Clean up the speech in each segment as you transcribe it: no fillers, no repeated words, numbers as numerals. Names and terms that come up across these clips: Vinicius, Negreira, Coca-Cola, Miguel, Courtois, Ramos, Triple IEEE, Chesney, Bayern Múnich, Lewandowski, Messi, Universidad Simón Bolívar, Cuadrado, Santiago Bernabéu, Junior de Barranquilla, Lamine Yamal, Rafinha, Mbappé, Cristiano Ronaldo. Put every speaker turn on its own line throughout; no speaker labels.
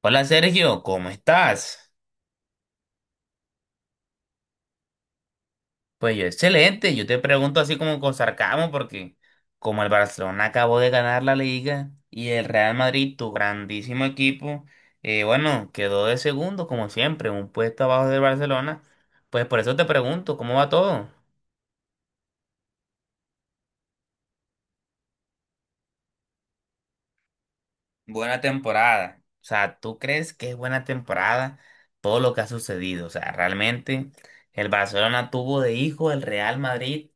Hola Sergio, ¿cómo estás? Pues yo excelente, yo te pregunto así como con sarcasmo porque como el Barcelona acabó de ganar la liga y el Real Madrid, tu grandísimo equipo, bueno, quedó de segundo como siempre, un puesto abajo del Barcelona, pues por eso te pregunto, ¿cómo va todo? Buena temporada. O sea, ¿tú crees que es buena temporada todo lo que ha sucedido? O sea, realmente el Barcelona tuvo de hijo el Real Madrid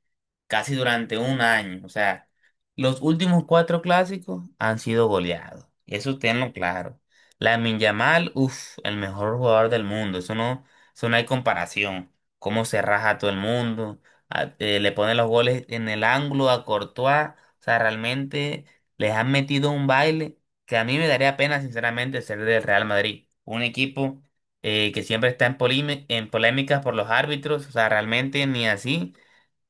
casi durante un año. O sea, los últimos cuatro clásicos han sido goleados. Eso tenlo claro. Lamine Yamal, uff, el mejor jugador del mundo. Eso no hay comparación. Cómo se raja a todo el mundo. Le pone los goles en el ángulo a Courtois. O sea, realmente les han metido un baile que a mí me daría pena, sinceramente, ser del Real Madrid. Un equipo que siempre está en polémicas por los árbitros, o sea, realmente ni así.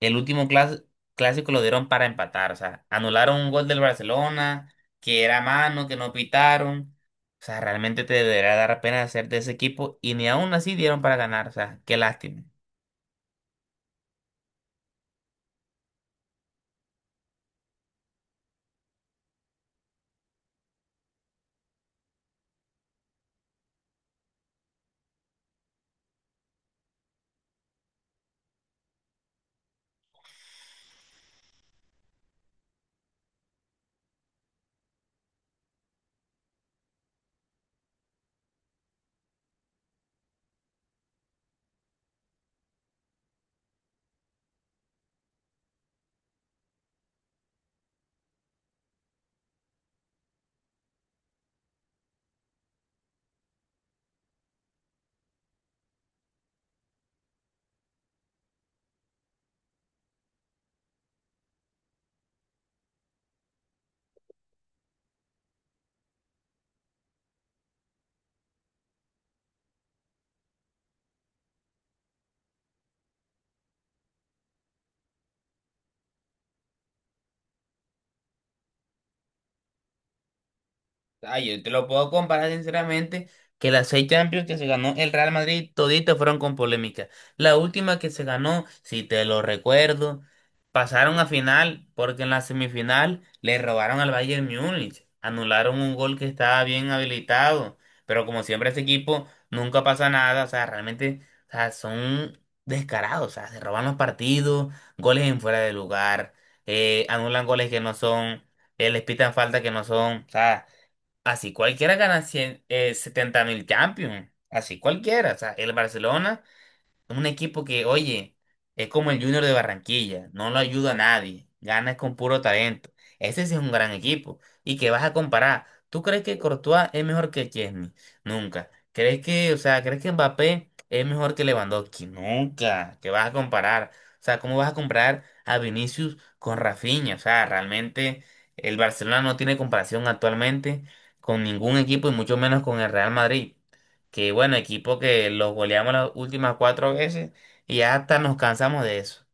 El último clásico lo dieron para empatar, o sea, anularon un gol del Barcelona, que era mano, que no pitaron. O sea, realmente te debería dar pena ser de ese equipo y ni aún así dieron para ganar, o sea, qué lástima. Ah, yo te lo puedo comparar sinceramente que las seis Champions que se ganó el Real Madrid toditas fueron con polémica. La última que se ganó, si te lo recuerdo, pasaron a final porque en la semifinal le robaron al Bayern Múnich, anularon un gol que estaba bien habilitado, pero como siempre ese equipo nunca pasa nada, o sea, realmente, o sea, son descarados, o sea, se roban los partidos, goles en fuera de lugar, anulan goles que no son, les pitan falta que no son, o sea. Así cualquiera gana 100 70 mil Champions. Así cualquiera. O sea, el Barcelona un equipo que, oye, es como el Junior de Barranquilla, no lo ayuda a nadie, ganas con puro talento. Ese sí es un gran equipo. ¿Y que vas a comparar? ¿Tú crees que Courtois es mejor que Chesney? Nunca. ¿Crees que, o sea, crees que Mbappé es mejor que Lewandowski? Nunca. ¿Qué vas a comparar? O sea, ¿cómo vas a comparar a Vinicius con Rafinha? O sea, realmente el Barcelona no tiene comparación actualmente con ningún equipo y mucho menos con el Real Madrid. Que bueno, equipo que los goleamos las últimas cuatro veces y ya hasta nos cansamos de eso.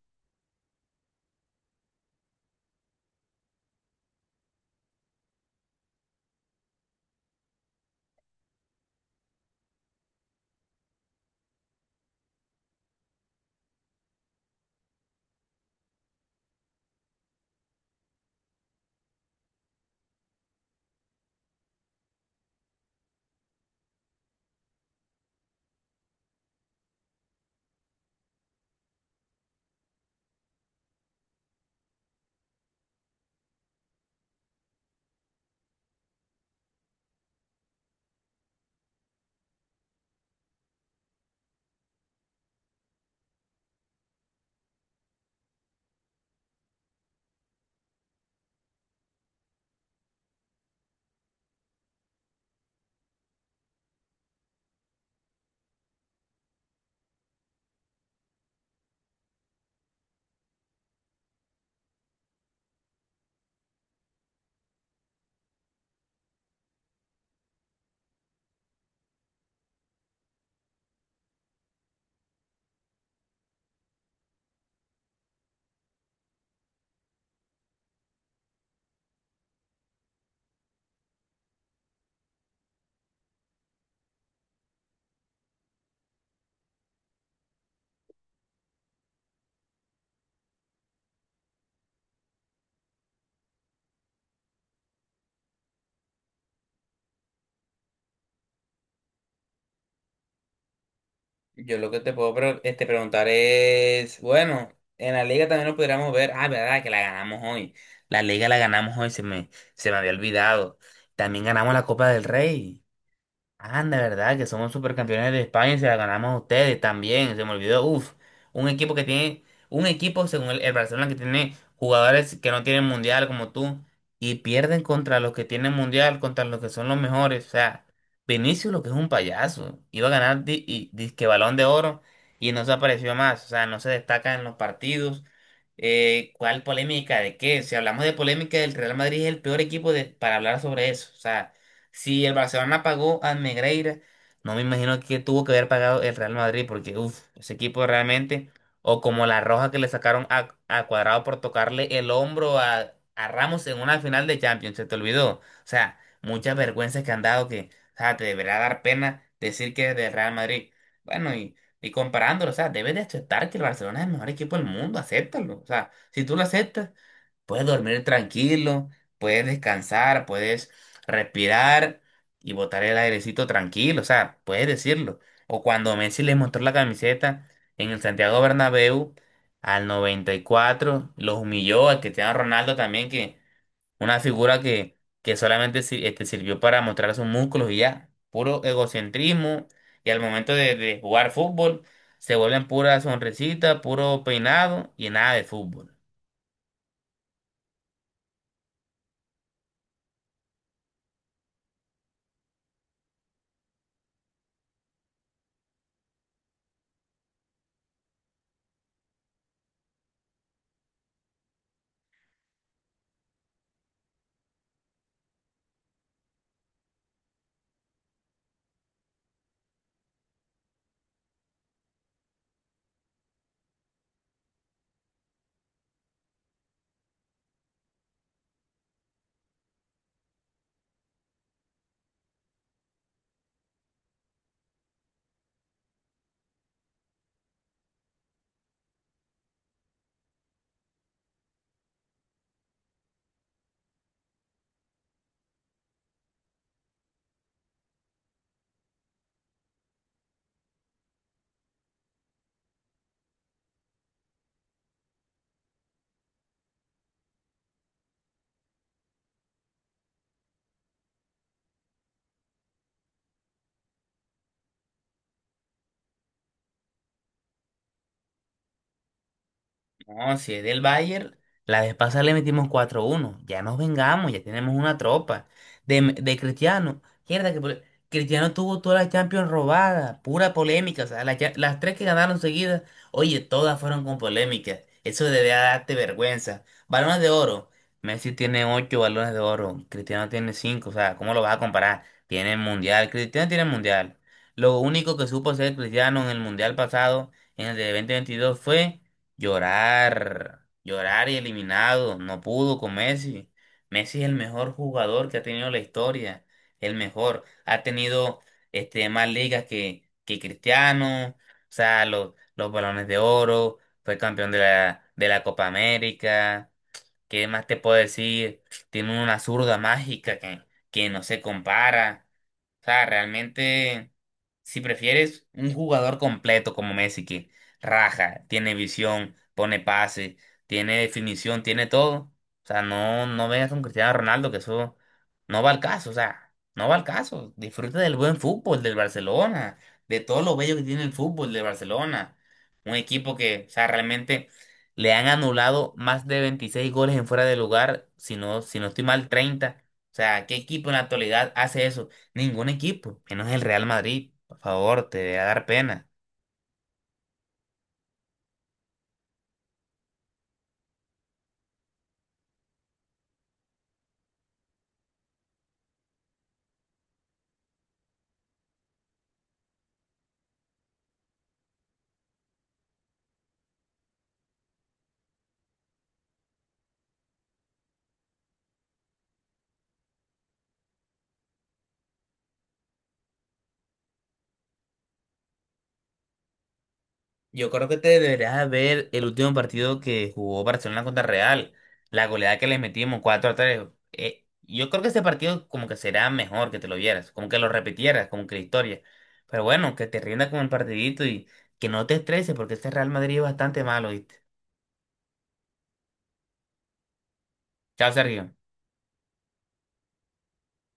Yo lo que te puedo preguntar es, bueno, en la liga también lo pudiéramos ver. Ah, verdad, que la ganamos hoy. La liga la ganamos hoy, se me había olvidado. También ganamos la Copa del Rey. Anda, ¿verdad? Que somos supercampeones de España y se la ganamos a ustedes también. Se me olvidó. Uf, un equipo que tiene, un equipo según el Barcelona que tiene jugadores que no tienen mundial como tú y pierden contra los que tienen mundial, contra los que son los mejores. O sea, Vinicius lo que es un payaso. Iba a ganar disque balón de oro y no se apareció más. O sea, no se destaca en los partidos. ¿Cuál polémica de qué? Si hablamos de polémica, el Real Madrid es el peor equipo para hablar sobre eso. O sea. Si el Barcelona pagó al Negreira, no me imagino que tuvo que haber pagado el Real Madrid, porque uff, ese equipo realmente, o como la roja que le sacaron a Cuadrado por tocarle el hombro a Ramos en una final de Champions, se te olvidó. O sea, muchas vergüenzas que han dado que, o sea, te deberá dar pena decir que es del Real Madrid. Bueno, y comparándolo, o sea, debes de aceptar que el Barcelona es el mejor equipo del mundo, acéptalo. O sea, si tú lo aceptas, puedes dormir tranquilo, puedes descansar, puedes respirar y botar el airecito tranquilo, o sea, puedes decirlo. O cuando Messi le mostró la camiseta en el Santiago Bernabéu al 94, los humilló al Cristiano Ronaldo también, que una figura que solamente sirvió para mostrar sus músculos y ya, puro egocentrismo, y al momento de jugar fútbol se vuelven pura sonrisita, puro peinado y nada de fútbol. No, si es del Bayern, la vez pasada le metimos 4-1. Ya nos vengamos, ya tenemos una tropa. De Cristiano, mierda que pole- Cristiano tuvo toda la Champions robada, pura polémica. O sea, las tres que ganaron seguidas, oye, todas fueron con polémica. Eso debe darte vergüenza. Balones de oro. Messi tiene ocho balones de oro, Cristiano tiene cinco. O sea, ¿cómo lo vas a comparar? Tiene el mundial, Cristiano tiene el mundial. Lo único que supo hacer Cristiano en el mundial pasado, en el de 2022, fue. Llorar, llorar y eliminado, no pudo con Messi. Messi es el mejor jugador que ha tenido la historia, el mejor. Ha tenido más ligas que Cristiano, o sea, los balones de oro, fue campeón de la Copa América. ¿Qué más te puedo decir? Tiene una zurda mágica que no se compara. O sea, realmente, si prefieres un jugador completo como Messi, que raja, tiene visión, pone pase, tiene definición, tiene todo. O sea, no, no vengas con Cristiano Ronaldo, que eso no va al caso. O sea, no va al caso. Disfruta del buen fútbol del Barcelona, de todo lo bello que tiene el fútbol del Barcelona. Un equipo que, o sea, realmente le han anulado más de 26 goles en fuera de lugar, si no estoy mal, 30. O sea, ¿qué equipo en la actualidad hace eso? Ningún equipo, menos el Real Madrid. Por favor, te debe dar pena. Yo creo que te deberías ver el último partido que jugó Barcelona contra Real. La goleada que le metimos, 4-3. Yo creo que ese partido como que será mejor que te lo vieras, como que lo repitieras, como que la historia. Pero bueno, que te rinda con el partidito y que no te estreses porque este Real Madrid es bastante malo, ¿viste? Chao, Sergio.